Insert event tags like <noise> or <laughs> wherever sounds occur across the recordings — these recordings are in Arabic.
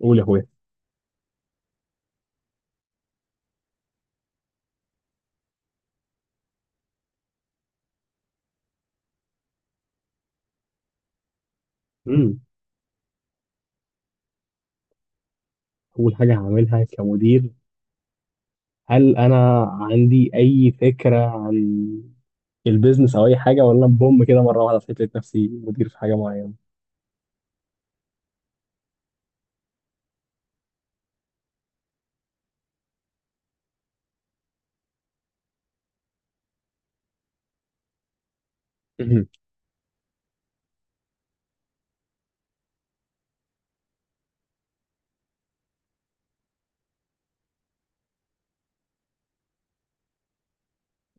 قول يا اخويا. امم اول حاجه هعملها كمدير، هل انا عندي اي فكره عن البيزنس او اي حاجه، ولا بوم كده مره واحده لقيت نفسي مدير في حاجه معينه؟ مهم.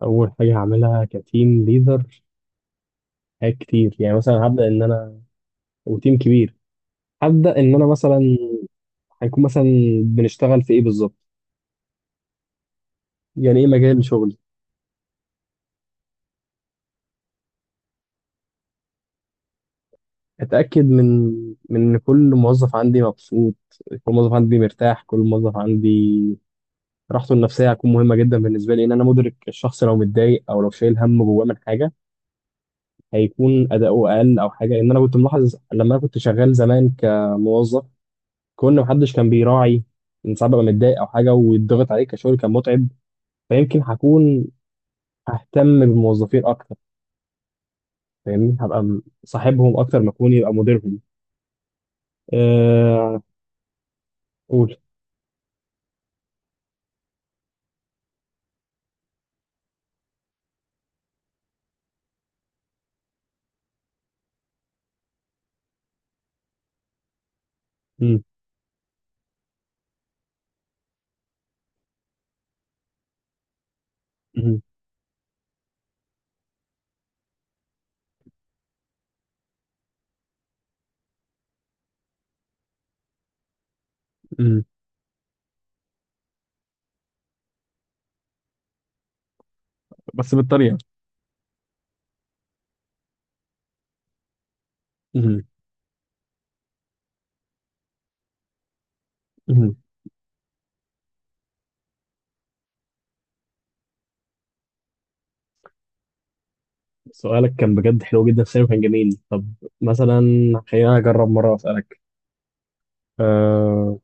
اول حاجه هعملها كتيم ليدر حاجات كتير، يعني مثلا هبدا ان انا وتيم كبير، هبدا ان انا مثلا هيكون مثلا بنشتغل في ايه بالظبط، يعني ايه مجال شغلي. اتاكد من ان كل موظف عندي مبسوط، كل موظف عندي مرتاح، كل موظف عندي راحته النفسيه هتكون مهمه جدا بالنسبه لي، ان انا مدرك الشخص لو متضايق او لو شايل هم جواه من حاجه هيكون اداؤه اقل او حاجه، لان انا كنت ملاحظ لما انا كنت شغال زمان كموظف كون محدش كان بيراعي ان ساعات ببقى متضايق او حاجه ويتضغط عليك كشغل كان متعب. فيمكن هكون ههتم بالموظفين اكتر. فاهمني، هبقى صاحبهم اكتر ما اكون يبقى مديرهم. أه... قول. مم، مم، مم، بس بالطريقه. مم، سؤالك كان بجد حلو جدا، السينما كان جميل. طب مثلا خلينا أجرب مرة وأسألك. أه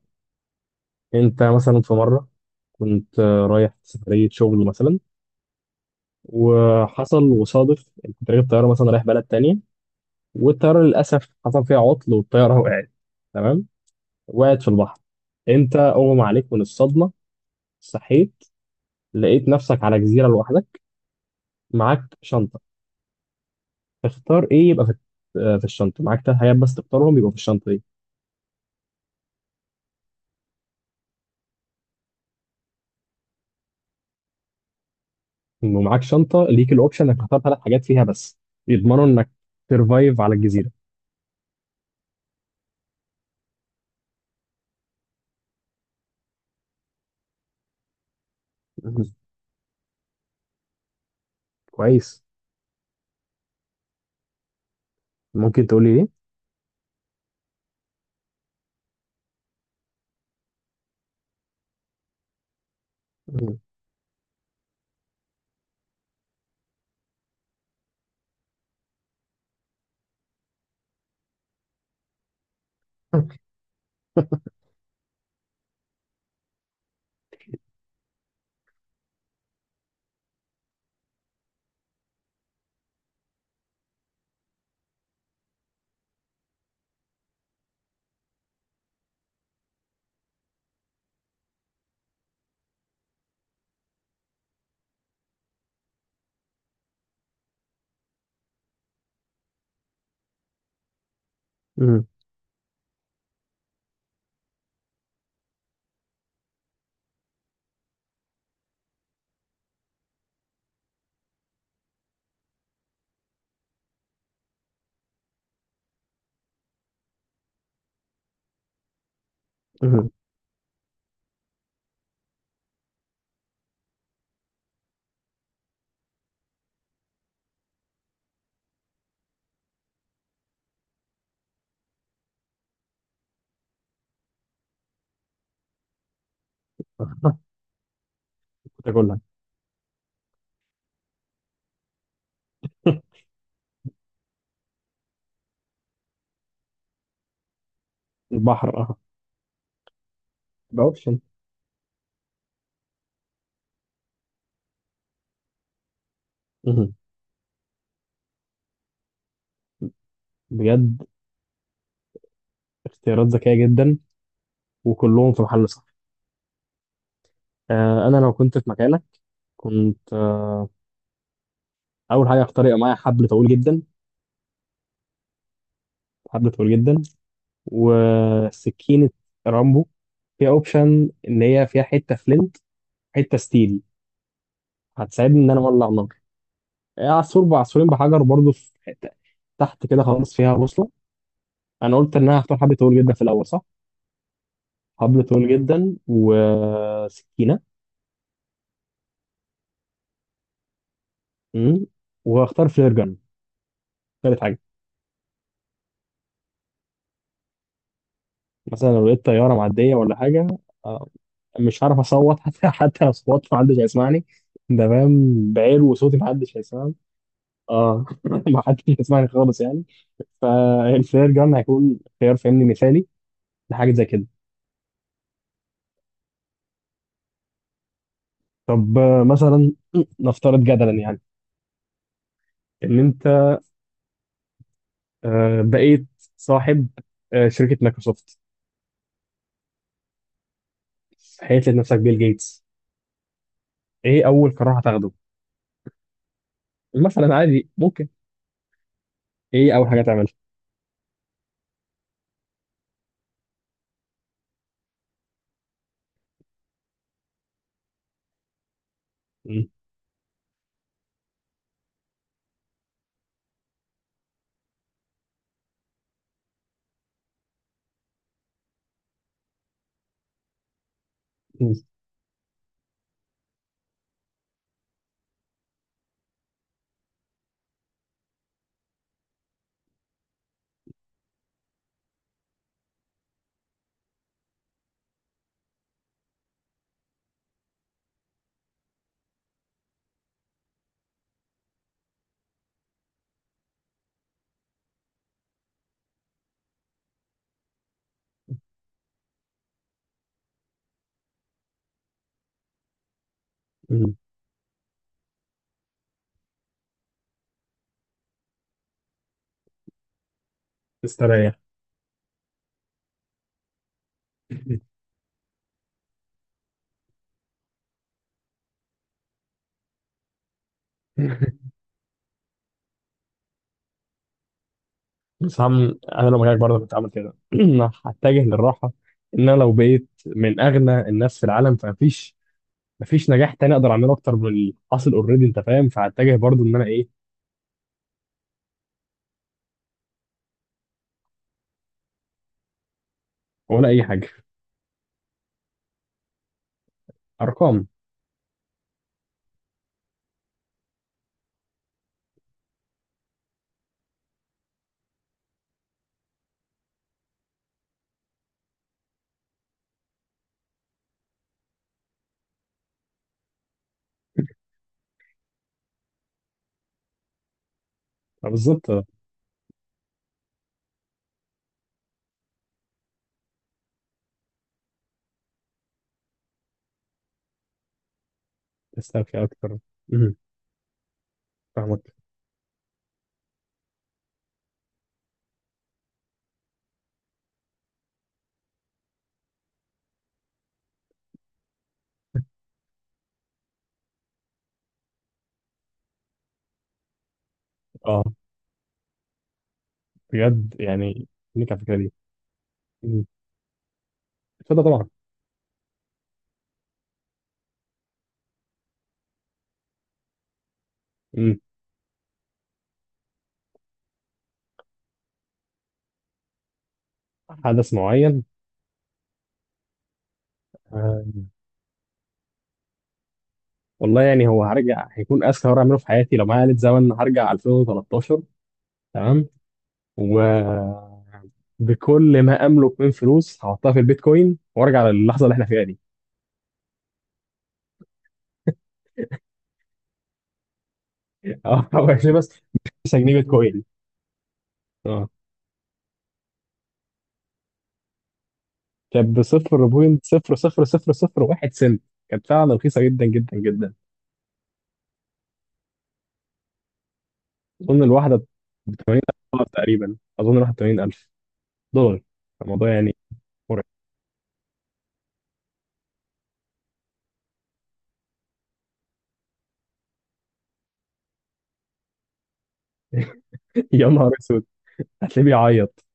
أنت مثلا في مرة كنت رايح سفرية شغل مثلا، وحصل وصادف إنك كنت راكب طيارة مثلا رايح بلد تانية، والطيارة للأسف حصل فيها عطل والطيارة <laughs> وقعت. تمام. وقعت في البحر. أنت أغمى عليك من الصدمة، صحيت لقيت نفسك على جزيرة لوحدك معاك شنطة. تختار إيه يبقى في في الشنطة؟ معاك تلات حاجات بس تختارهم يبقوا في الشنطة دي. ومعاك شنطه ليك الاوبشن انك تختار ثلاث حاجات فيها بس يضمنوا انك ترفايف على الجزيره. مم. كويس. ممكن تقول لي ايه؟ مم. مم. مم. تاكلها. <laughs> البحر، اه. ده اوبشن. مم. بجد اختيارات ذكيه جدا، وكلهم في محل صح. انا لو كنت في مكانك كنت اول حاجه اختار يبقى معايا حبل طويل جدا، حبل طويل جدا وسكينه رامبو فيها اوبشن ان هي فيها حته فلنت حته ستيل هتساعدني ان انا اولع نار. عصفور بعصفورين بحجر، برضه في حته تحت كده خالص فيها بوصله. انا قلت ان انا هختار حبل طويل جدا في الاول، صح؟ حبل طويل جدا وسكينه. امم وهختار فلير جن تالت حاجه، مثلا لو لقيت طياره معديه ولا حاجه. آه، مش هعرف اصوت <laughs> حتى لو صوت محدش هيسمعني، ده فاهم بعير وصوتي محدش هيسمعني. اه <laughs> محدش هيسمعني خالص يعني. فالفلير جن هيكون خيار فني مثالي لحاجه زي كده. طب مثلا <clears throat> نفترض جدلا يعني ان انت بقيت صاحب شركة مايكروسوفت، حيث لقيت نفسك بيل جيتس. ايه اول قرار هتاخده؟ مثلا عادي ممكن، ايه اول حاجة تعملها؟ مم، مم، مم. تستريح. <laughs> بس هم انا لو مكانك برضه كنت عامل كده، <clears throat> أنا هتجه للراحة. ان انا لو بقيت من اغنى الناس في العالم فمفيش مفيش نجاح تاني اقدر اعمله اكتر من اللي حاصل اوريدي، انت فاهم، فهتجه برضه ان انا ايه؟ ولا اي حاجة. ارقام. آه، بالظبط، آه، تسترخي اكتر. مم، فاهمك. اه بجد يعني ليك على الفكره دي. مم. اتفضل طبعا. مم. حدث معين. آه. والله يعني هو هرجع هيكون اذكى مره اعمله في حياتي، لو معايا آلة زمن هرجع 2013. تمام. وبكل ما املك من فلوس هحطها في البيتكوين وارجع للحظه اللي احنا فيها دي. <laughs> اه هو يعني بس. 9 جنيه بيتكوين. اه كانت ب 0.00001 سنت، كانت فعلا رخيصه جدا جدا جدا. اظن الواحده ب 80,000 دولار تقريبا، اظن الواحده 80,000 دولار. الموضوع يعني مرعب. يا نهار اسود. هتلاقيه بيعيط.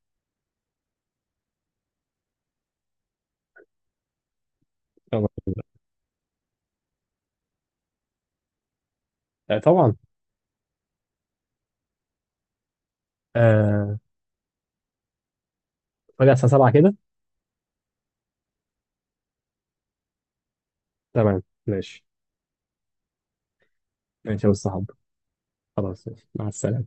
يا نهار- آه، طبعا. آه... راجع الساعة 7 كده. تمام ماشي. ماشي يا أستاذ صاحبي. خلاص ماشي. مع السلامة.